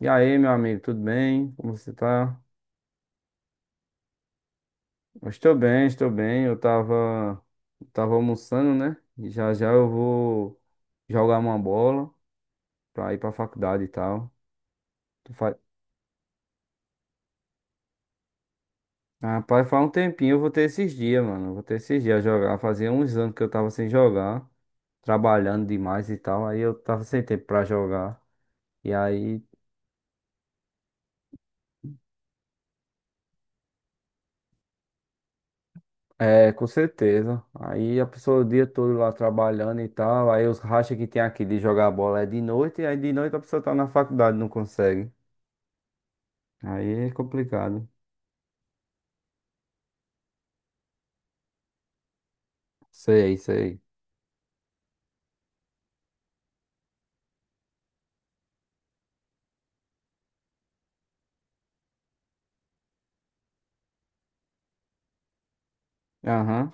E aí, meu amigo, tudo bem? Como você tá? Eu estou bem, estou bem. Eu tava almoçando, né? E já já eu vou jogar uma bola pra ir pra faculdade e tal. Tu fa- Rapaz, faz um tempinho eu vou ter esses dias, mano. Eu vou ter esses dias jogar. Fazia uns anos que eu tava sem jogar, trabalhando demais e tal. Aí eu tava sem tempo pra jogar. E aí. É, com certeza. Aí a pessoa o dia todo lá trabalhando e tal, aí os rachas que tem aqui de jogar bola é de noite, e aí de noite a pessoa tá na faculdade, não consegue. Aí é complicado. Sei, sei. Aham.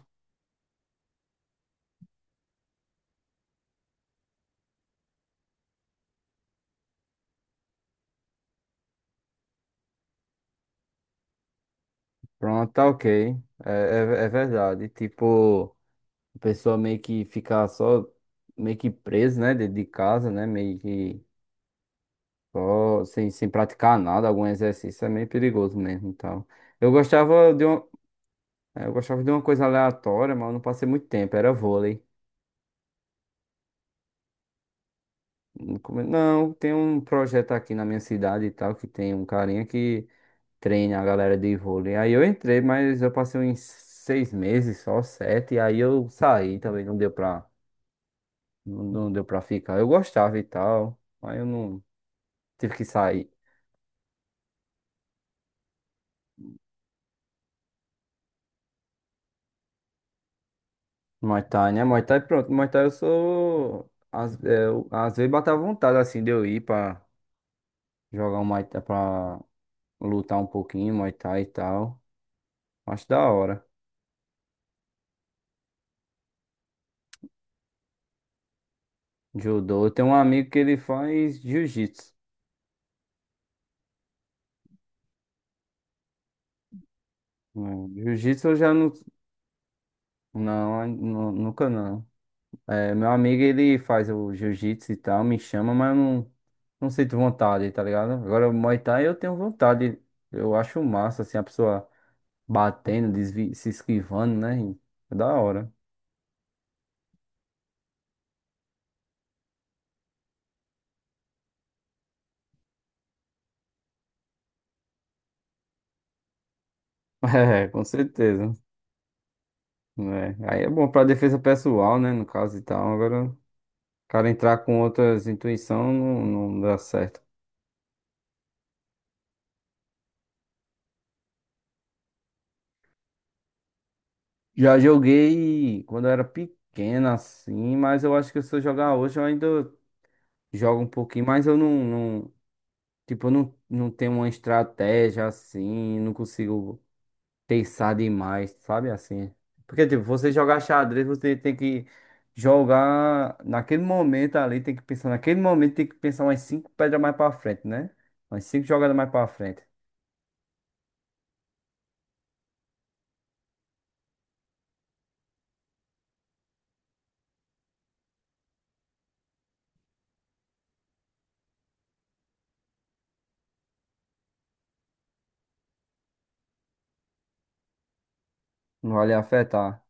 Pronto, tá ok. É, verdade. Tipo, a pessoa meio que fica só, meio que presa, né, dentro de casa, né, meio que só sem praticar nada, algum exercício, é meio perigoso mesmo e tal. Eu gostava de um. É, eu gostava de uma coisa aleatória, mas eu não passei muito tempo, era vôlei. Não, não, tem um projeto aqui na minha cidade e tal, que tem um carinha que treina a galera de vôlei. Aí eu entrei, mas eu passei uns 6 meses, só 7, e aí eu saí também, não deu pra, não deu pra ficar. Eu gostava e tal, mas eu não tive que sair. Muay Thai, né? Muay Thai, pronto, Muay Thai eu sou. Às vezes bateu vontade, assim, de eu ir pra jogar um Muay Thai, pra lutar um pouquinho, Muay Thai e tal. Acho da hora. Judô. Eu tenho um amigo que ele faz jiu-jitsu. Jiu-jitsu eu já não. Não, nunca não. É, meu amigo ele faz o jiu-jitsu e tal, me chama, mas eu não sinto vontade, tá ligado? Agora o Muay Thai eu tenho vontade. Eu acho massa, assim, a pessoa batendo, se esquivando, né? É da hora. É, com certeza. É. Aí é bom pra defesa pessoal, né? No caso e tal. Agora, o cara entrar com outras intuições não dá certo. Já joguei quando eu era pequeno, assim, mas eu acho que se eu jogar hoje, eu ainda jogo um pouquinho, mas eu tipo, eu não tenho uma estratégia assim, não consigo pensar demais, sabe assim? Porque, tipo, você jogar xadrez, você tem que jogar naquele momento ali, tem que pensar naquele momento, tem que pensar umas cinco pedras mais pra frente, né? Umas cinco jogadas mais pra frente. Não vai lhe afetar.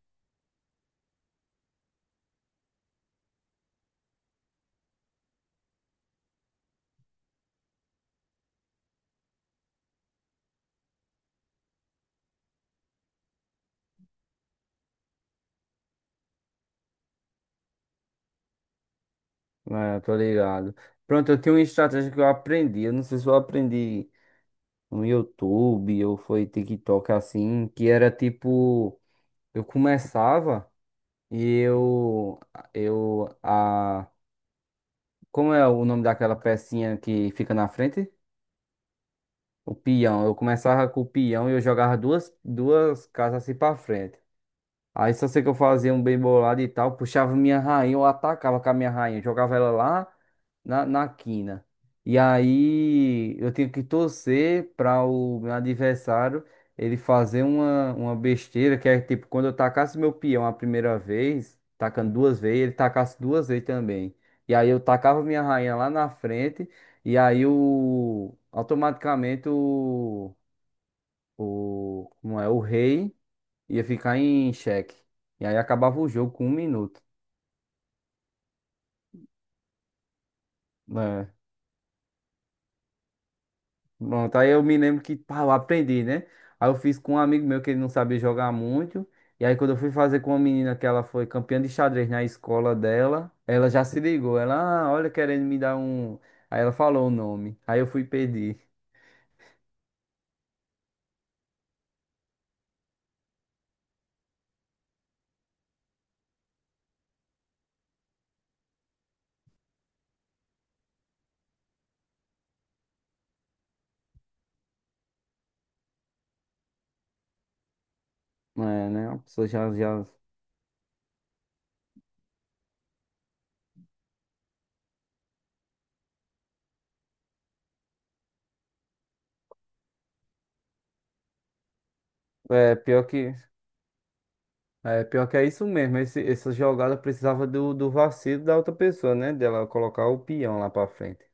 É, tô ligado. Pronto, eu tenho uma estratégia que eu aprendi. Eu não sei se eu aprendi, no YouTube ou foi TikTok assim, que era tipo, eu começava e eu a como é o nome daquela pecinha que fica na frente? O peão. Eu começava com o peão e eu jogava duas casas assim para frente. Aí só sei que eu fazia um bem bolado e tal, puxava minha rainha, eu atacava com a minha rainha, jogava ela lá na quina. E aí eu tinha que torcer para o meu adversário ele fazer uma besteira, que é tipo, quando eu tacasse meu peão a primeira vez, tacando duas vezes, ele tacasse duas vezes também. E aí eu tacava minha rainha lá na frente, e aí automaticamente como é, o rei ia ficar em xeque. E aí acabava o jogo com um minuto. Né? Pronto, aí eu me lembro que, pá, eu aprendi, né? Aí eu fiz com um amigo meu que ele não sabia jogar muito. E aí quando eu fui fazer com uma menina que ela foi campeã de xadrez na escola dela, ela já se ligou. Ela, ah, olha, querendo me dar um. Aí ela falou o nome. Aí eu fui pedir. É, né? A pessoa já, já... É, pior que... É, pior que é isso mesmo. Essa jogada precisava do vacilo da outra pessoa, né? Dela colocar o peão lá pra frente.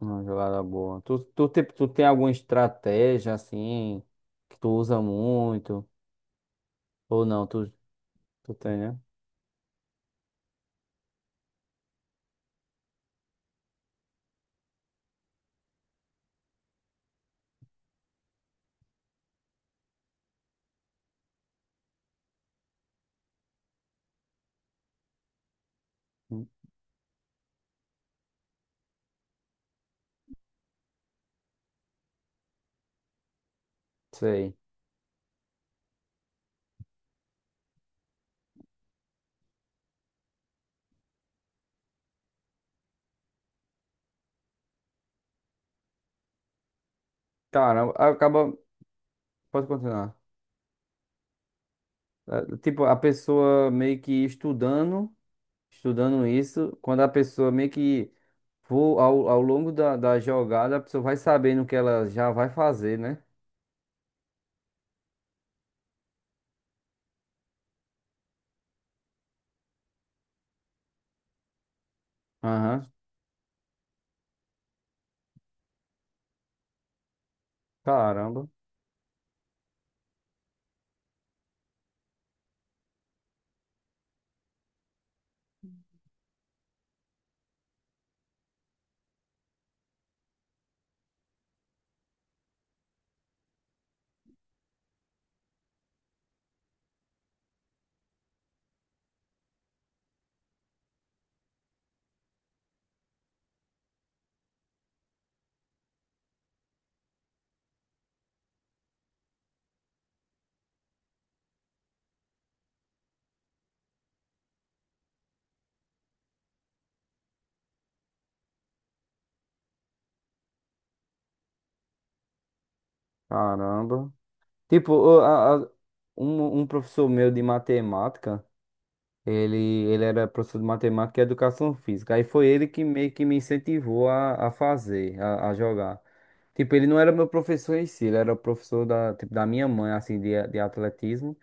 Uma jogada boa. Tu tem alguma estratégia assim que tu usa muito? Ou não? Tu tem, né? Hum, sei. Cara, acaba. Pode continuar. É, tipo, a pessoa meio que estudando isso, quando a pessoa meio que for ao longo da jogada, a pessoa vai sabendo o que ela já vai fazer, né? Aham. Caramba, caramba. Tipo, um professor meu de matemática. Ele, ele era professor de matemática e educação física. Aí foi ele que meio que me incentivou a fazer, a jogar. Tipo, ele não era meu professor em si, ele era o professor da minha mãe, assim, de atletismo.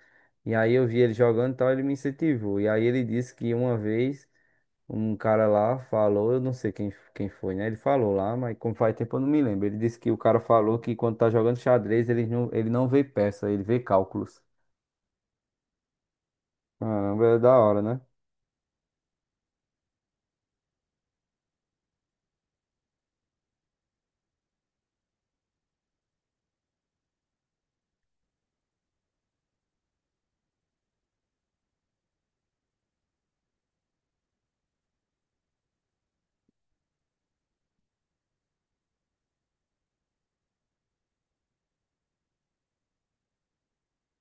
E aí eu vi ele jogando e tal, ele me incentivou. E aí ele disse que uma vez um cara lá falou, eu não sei quem foi, né? Ele falou lá, mas como faz tempo eu não me lembro. Ele disse que o cara falou que quando tá jogando xadrez, ele não vê peça, ele vê cálculos. Caramba, é da hora, né?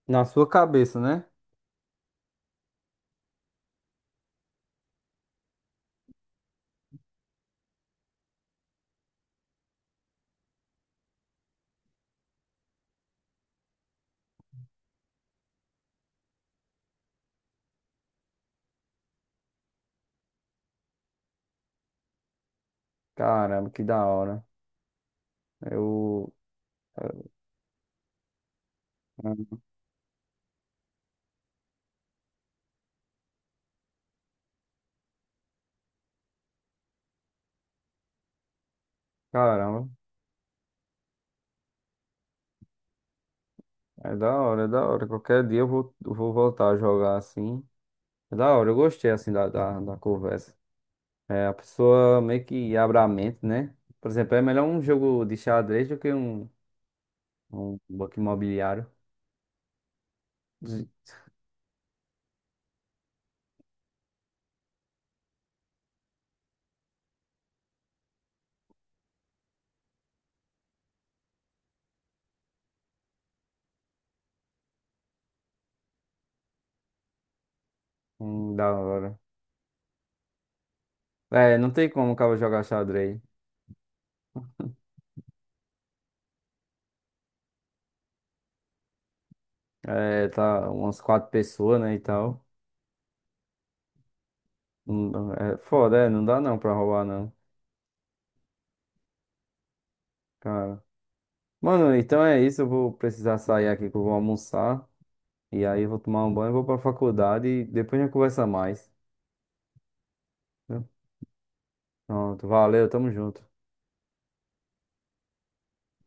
Na sua cabeça, né? Caramba, que da hora. Eu. Caramba, é da hora, é da hora. Qualquer dia eu vou voltar a jogar assim. É da hora, eu gostei assim da conversa. É, a pessoa meio que abre a mente, né? Por exemplo, é melhor um jogo de xadrez do que um banco imobiliário. Zi- da hora. É, não tem como o cara jogar xadrez. É, tá umas quatro pessoas, né, e tal. Não dá- É foda, é, não dá não pra roubar não. Mano, então é isso. Eu vou precisar sair aqui que eu vou almoçar. E aí eu vou tomar um banho, vou pra faculdade e depois a gente conversa mais. Viu? Pronto, valeu, tamo junto.